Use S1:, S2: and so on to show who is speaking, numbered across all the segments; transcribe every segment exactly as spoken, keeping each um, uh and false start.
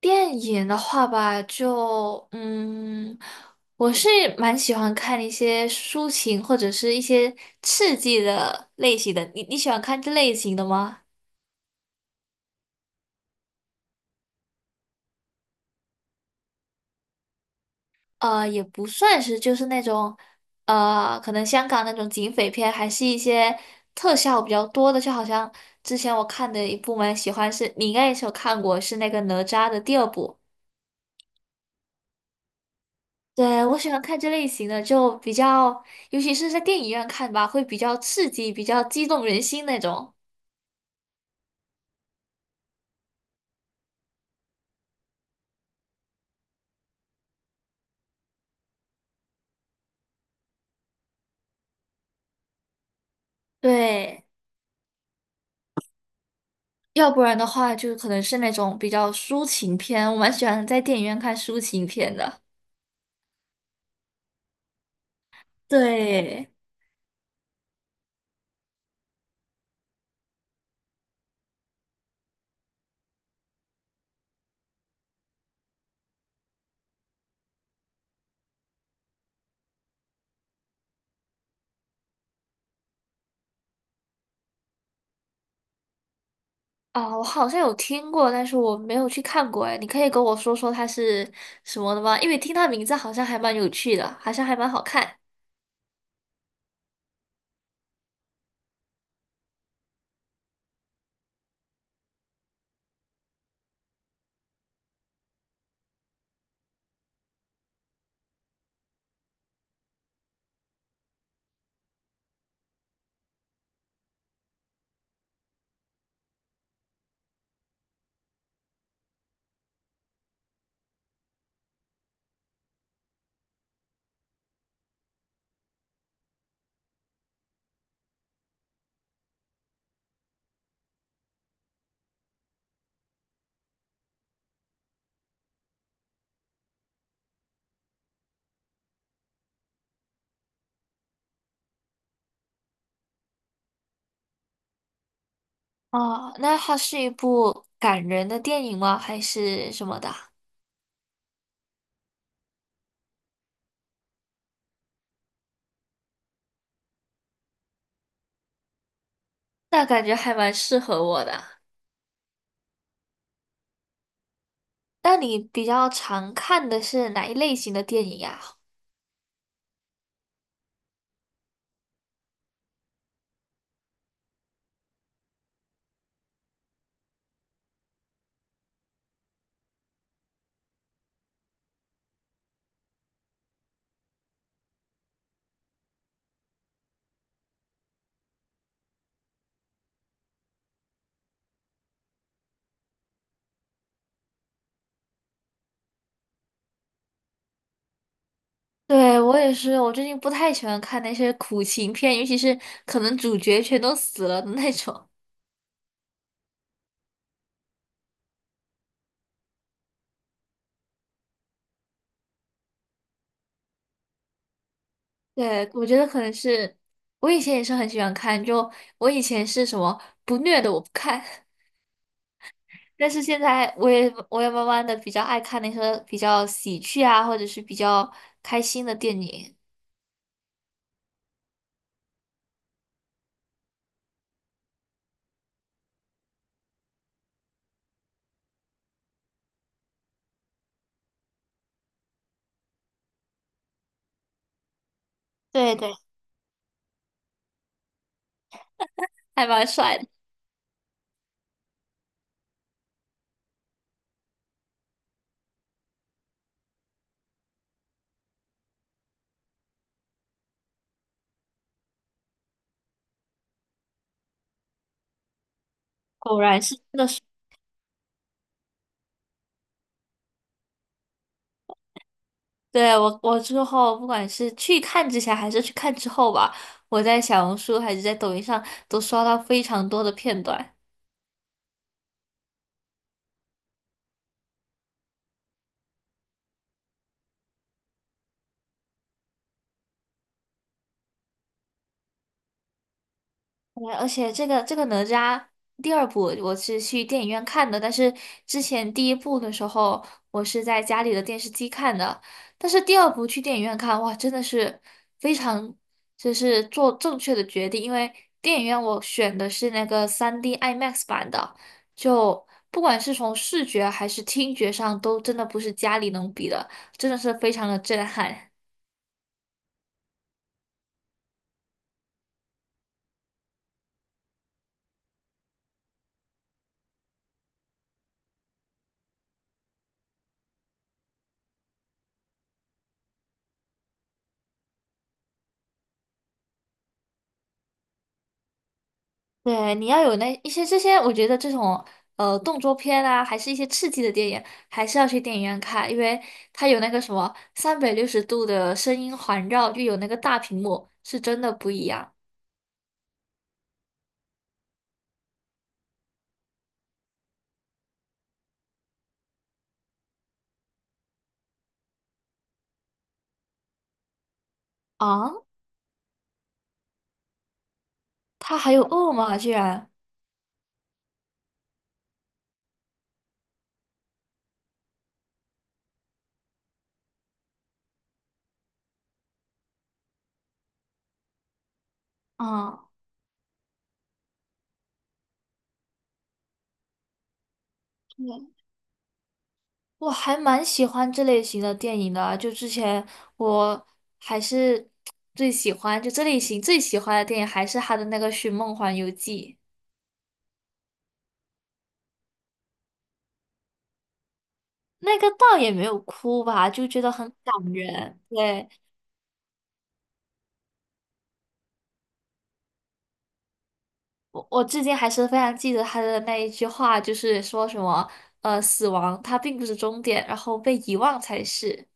S1: 电影的话吧，就嗯，我是蛮喜欢看一些抒情或者是一些刺激的类型的。你你喜欢看这类型的吗？呃，也不算是，就是那种呃，可能香港那种警匪片，还是一些特效比较多的。就好像之前我看的一部蛮喜欢是，你应该也是有看过，是那个哪吒的第二部。对，我喜欢看这类型的，就比较，尤其是在电影院看吧，会比较刺激，比较激动人心那种。对，要不然的话，就可能是那种比较抒情片，我蛮喜欢在电影院看抒情片的。对。啊，我好像有听过，但是我没有去看过。哎，你可以跟我说说它是什么的吗？因为听它名字好像还蛮有趣的，好像还蛮好看。哦，那它是一部感人的电影吗？还是什么的？那感觉还蛮适合我的。那你比较常看的是哪一类型的电影呀？对，我也是，我最近不太喜欢看那些苦情片，尤其是可能主角全都死了的那种。对，我觉得可能是我以前也是很喜欢看，就我以前是什么不虐的我不看，但是现在我也我也慢慢的比较爱看那些比较喜剧啊，或者是比较开心的电影。对对，还蛮帅的。果然是。真的。对，我，我之后不管是去看之前还是去看之后吧，我在小红书还是在抖音上都刷到非常多的片段。对，而且这个这个哪吒第二部我是去电影院看的，但是之前第一部的时候我是在家里的电视机看的，但是第二部去电影院看，哇，真的是非常就是做正确的决定，因为电影院我选的是那个 三 D I M A X 版的，就不管是从视觉还是听觉上都真的不是家里能比的，真的是非常的震撼。对，你要有那一些这些，我觉得这种呃动作片啊，还是一些刺激的电影，还是要去电影院看，因为它有那个什么三百六十度的声音环绕，又有那个大屏幕，是真的不一样啊！它还有恶魔啊，居然啊！对，我还蛮喜欢这类型的电影的啊，就之前我还是最喜欢，就这类型最喜欢的电影还是他的那个《寻梦环游记》。那个倒也没有哭吧，就觉得很感人。对，我我至今还是非常记得他的那一句话，就是说什么，呃，死亡它并不是终点，然后被遗忘才是。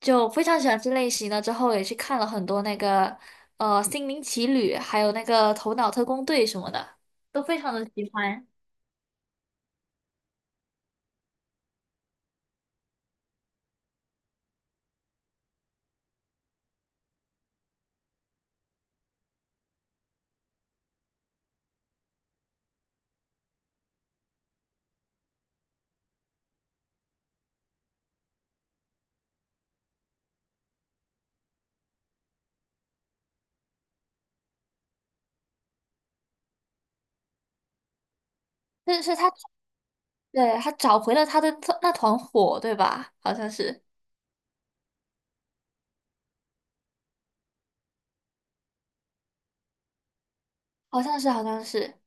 S1: 就非常喜欢这类型的，之后也去看了很多那个，呃，《心灵奇旅》，还有那个《头脑特工队》什么的，都非常的喜欢。但是他，对，他找回了他的特那团火，对吧？好像是，好像是，好像是。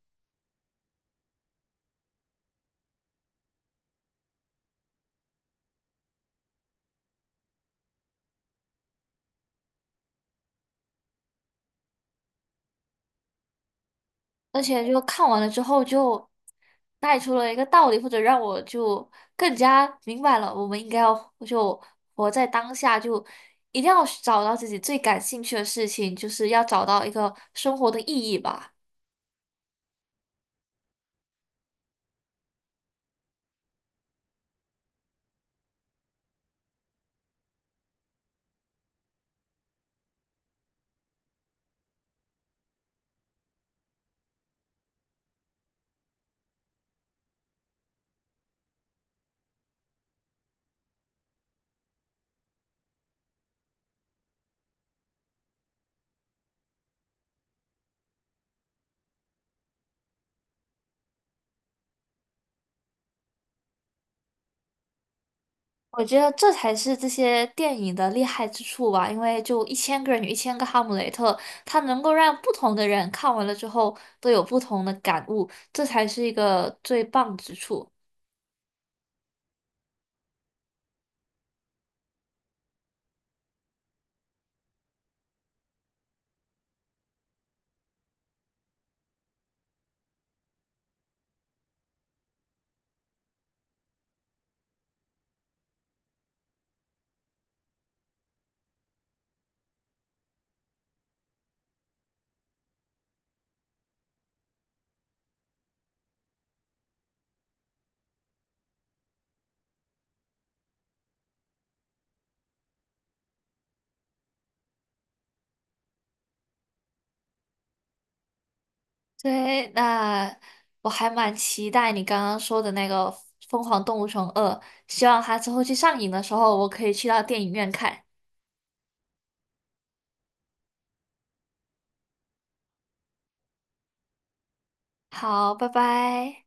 S1: 而且就看完了之后就带出了一个道理，或者让我就更加明白了，我们应该要就活在当下，就一定要找到自己最感兴趣的事情，就是要找到一个生活的意义吧。我觉得这才是这些电影的厉害之处吧，因为就一千个人有一千个哈姆雷特，它能够让不同的人看完了之后都有不同的感悟，这才是一个最棒之处。对，那我还蛮期待你刚刚说的那个《疯狂动物城二》，希望它之后去上映的时候，我可以去到电影院看。好，拜拜。